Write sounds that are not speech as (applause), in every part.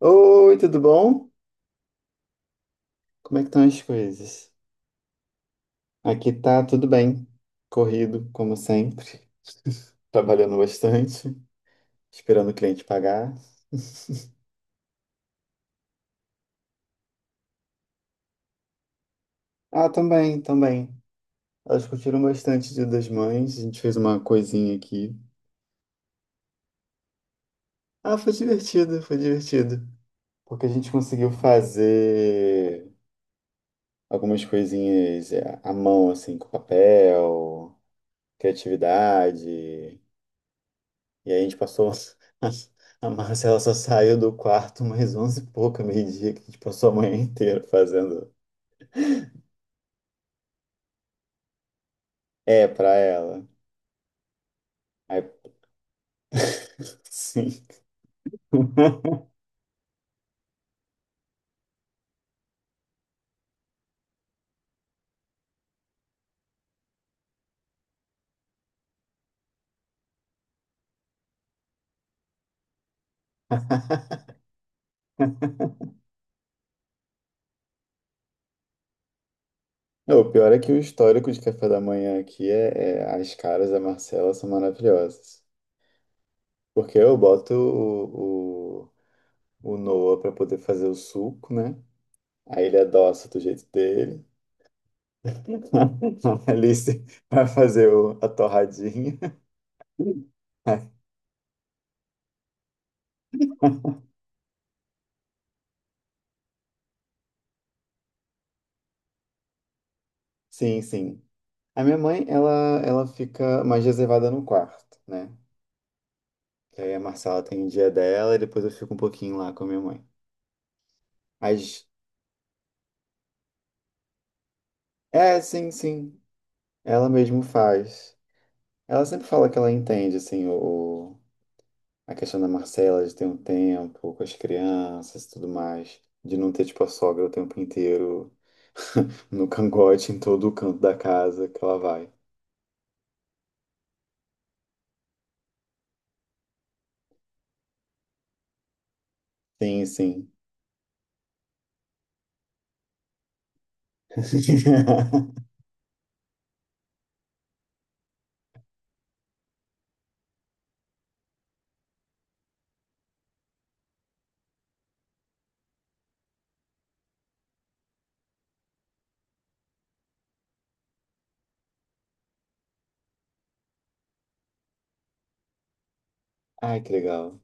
Oi, tudo bom? Como é que estão as coisas? Aqui tá tudo bem. Corrido, como sempre. Trabalhando bastante, esperando o cliente pagar. (laughs) Ah, também, também. Elas curtiram bastante o Dia das Mães. A gente fez uma coisinha aqui. Ah, foi divertido, foi divertido. Porque a gente conseguiu fazer algumas coisinhas à mão, assim, com papel, criatividade. E aí a gente passou. (laughs) A Marcela só saiu do quarto mais 11 e pouca, meio-dia, que a gente passou a manhã inteira fazendo. É pra ela. Aí, (laughs) sim. (laughs) Não, o pior é que o histórico de café da manhã aqui as caras da Marcela são maravilhosas. Porque eu boto o Noah pra poder fazer o suco, né? Aí ele adoça do jeito dele. (laughs) A Alice vai fazer a torradinha. (laughs) Sim, sim. A minha mãe, ela fica mais reservada no quarto, né? Que aí a Marcela tem o dia dela e depois eu fico um pouquinho lá com a minha mãe. Mas, sim, sim. Ela mesmo faz. Ela sempre fala que ela entende, assim, a questão da Marcela de ter um tempo com as crianças e tudo mais. De não ter, tipo, a sogra o tempo inteiro no (laughs) cangote, em todo o canto da casa que ela vai. Sim, sim. (laughs) Ai, que legal.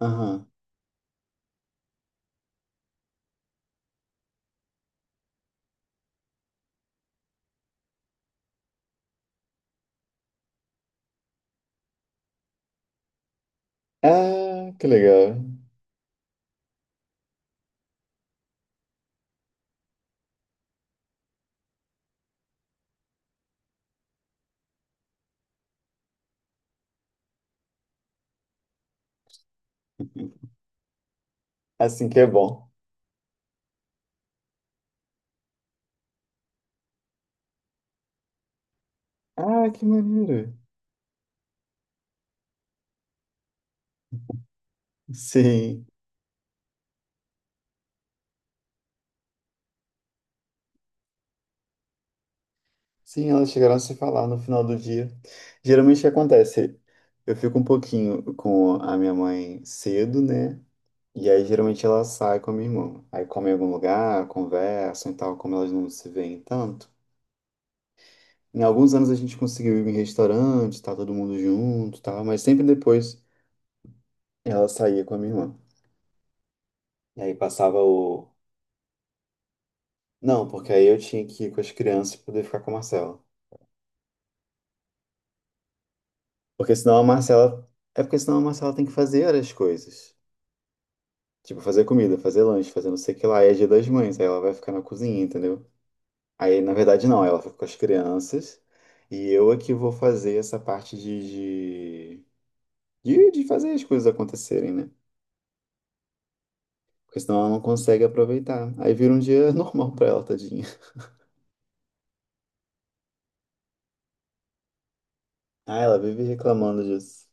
Aham. Ah, que legal. (laughs) Assim que é bom. Ah, que maneiro. Sim. Sim, elas chegaram a se falar no final do dia. Geralmente o que acontece? Eu fico um pouquinho com a minha mãe cedo, né? E aí geralmente ela sai com a minha irmã. Aí come em algum lugar, conversam e tal, como elas não se veem tanto. Em alguns anos a gente conseguiu ir em restaurante, tá todo mundo junto, tá? Mas sempre depois ela saía com a minha irmã. E aí passava o. Não, porque aí eu tinha que ir com as crianças pra poder ficar com a Marcela. Porque senão a Marcela. É porque senão a Marcela tem que fazer as coisas. Tipo, fazer comida, fazer lanche, fazer não sei o que lá. E é dia das mães, aí ela vai ficar na cozinha, entendeu? Aí, na verdade, não, ela fica com as crianças. E eu é que vou fazer essa parte de fazer as coisas acontecerem, né? Porque senão ela não consegue aproveitar. Aí vira um dia (laughs) normal pra ela, tadinha. Ah, ela vive reclamando disso.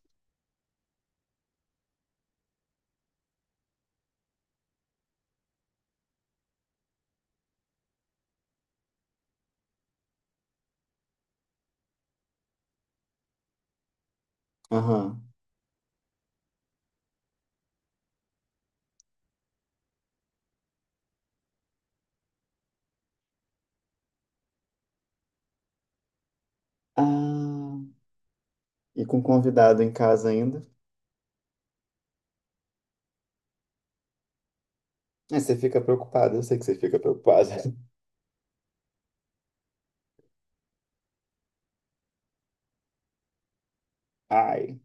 Aham. Ah, e com convidado em casa ainda? É, você fica preocupada, eu sei que você fica preocupada. (laughs) Ai.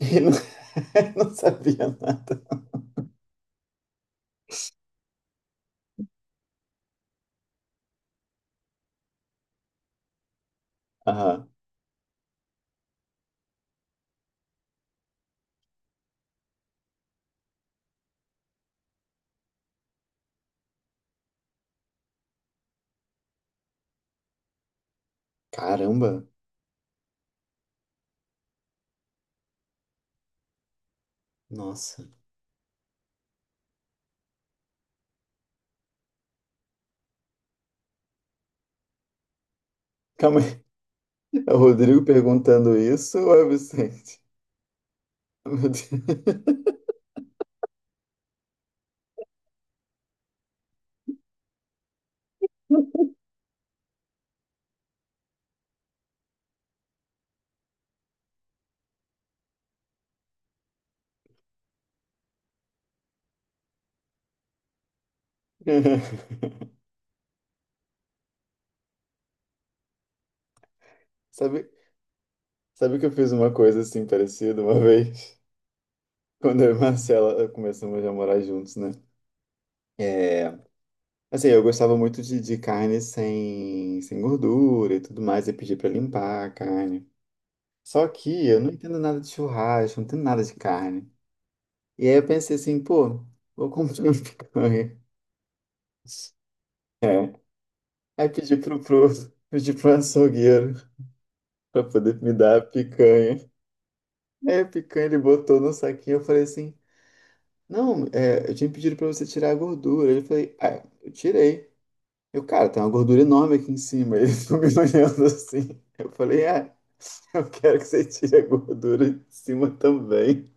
Ele não, (laughs) não sabia nada. Ah, caramba. Nossa. Calma aí. É o Rodrigo perguntando isso ou é o Vicente? Meu Deus. (laughs) Sabe, sabe que eu fiz uma coisa assim parecida uma (laughs) vez? Quando eu e Marcela começamos a morar juntos, né? É, assim, eu gostava muito de carne sem gordura e tudo mais, e pedi pra limpar a carne. Só que eu não entendo nada de churrasco, não entendo nada de carne. E aí eu pensei assim, pô, vou comprar uma picanha. É. Aí pedi pro açougueiro pra poder me dar a picanha. Aí a picanha ele botou no saquinho, eu falei assim, não, eu tinha pedido pra você tirar a gordura. Ele falou, ah, eu tirei. Eu, cara, tem uma gordura enorme aqui em cima. (laughs) Ele ficou me (laughs) olhando assim. Eu falei, ah, eu quero que você tire a gordura de cima também.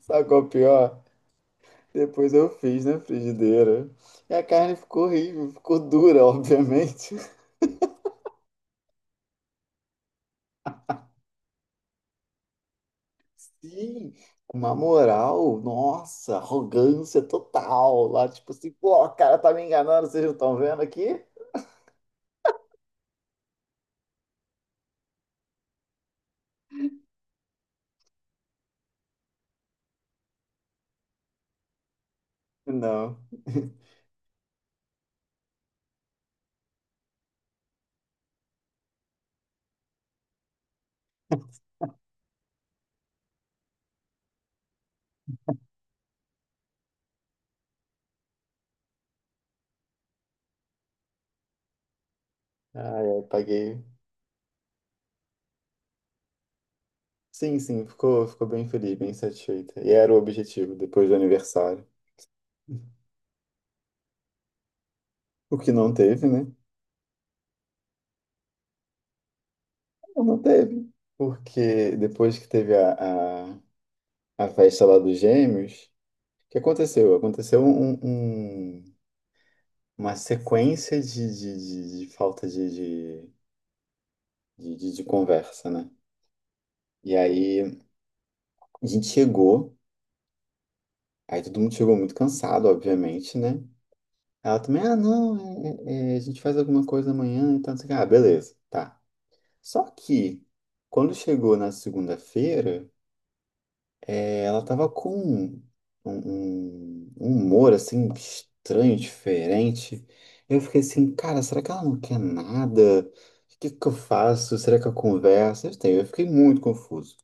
Sabe qual é o pior? Depois eu fiz na frigideira. E a carne ficou horrível, ficou dura, (laughs) obviamente. Sim, com uma moral, nossa, arrogância total. Lá, tipo assim, pô, o cara tá me enganando, vocês não estão vendo aqui? Não. Ah, eu paguei. Sim, sim, ficou bem feliz, bem satisfeita. E era o objetivo depois do aniversário. O que não teve, né? Não teve. Porque depois que teve a festa lá dos Gêmeos, o que aconteceu? Aconteceu uma sequência de falta de conversa, né? E aí a gente chegou, aí todo mundo chegou muito cansado, obviamente, né? Ela também, ah, não, a gente faz alguma coisa amanhã, então, não sei o quê. Ah, beleza, tá. Só que quando chegou na segunda-feira, ela tava com um humor assim estranho, diferente. Eu fiquei assim, cara, será que ela não quer nada? O que que eu faço? Será que eu converso? Eu fiquei muito confuso.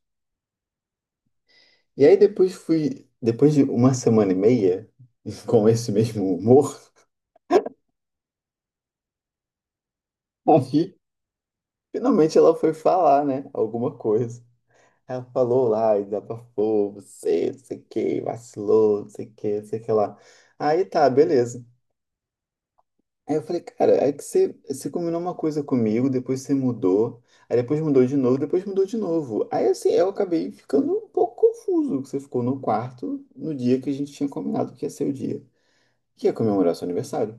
E aí depois fui, depois de uma semana e meia, (laughs) com esse mesmo humor, (laughs) aí finalmente ela foi falar, né? Alguma coisa. Ela falou lá, e desabafou, você, não sei o que, vacilou, não sei o que, não sei o que lá. Aí tá, beleza. Aí eu falei, cara, é que você combinou uma coisa comigo, depois você mudou, aí depois mudou de novo, depois mudou de novo. Aí assim, eu acabei ficando um pouco confuso, que você ficou no quarto no dia que a gente tinha combinado que ia ser o dia, que ia comemorar seu aniversário.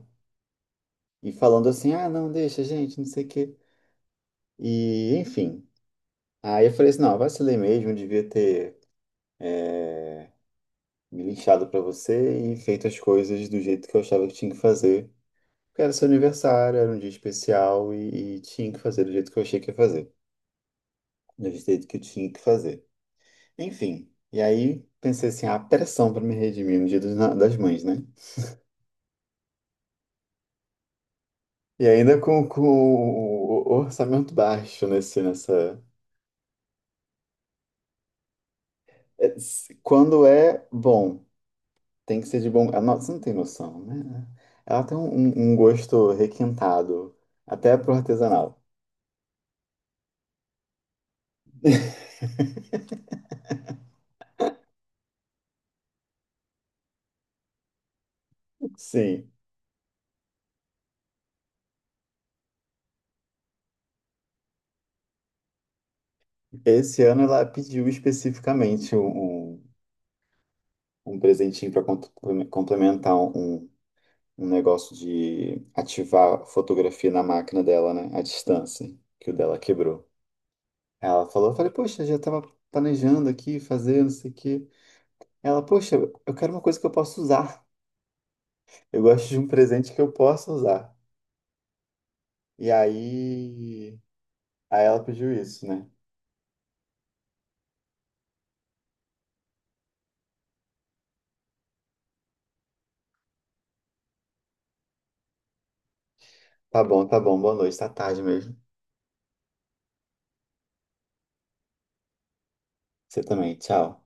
E falando assim, ah, não, deixa, gente, não sei o quê. E, enfim. Aí eu falei assim, não, vacilei mesmo, devia ter é, me lixado pra você e feito as coisas do jeito que eu achava que tinha que fazer. Porque era seu aniversário, era um dia especial e tinha que fazer do jeito que eu achei que ia fazer. Do jeito que eu tinha que fazer. Enfim. E aí pensei assim, ah, pressão pra me redimir no dia dos das mães, né? E ainda com o orçamento baixo nessa... Quando é bom. Tem que ser de bom. Ah, não, você não tem noção, né? Ela tem um gosto requintado, até pro artesanal. (laughs) Sim. Esse ano ela pediu especificamente um presentinho para complementar um negócio de ativar fotografia na máquina dela, né? À distância, que o dela quebrou. Ela falou, eu falei, poxa, já estava planejando aqui, fazer, não sei o quê. Ela, poxa, eu quero uma coisa que eu possa usar. Eu gosto de um presente que eu possa usar. E aí ela pediu isso, né? Tá bom, boa noite, tá tarde mesmo. Você também, tchau.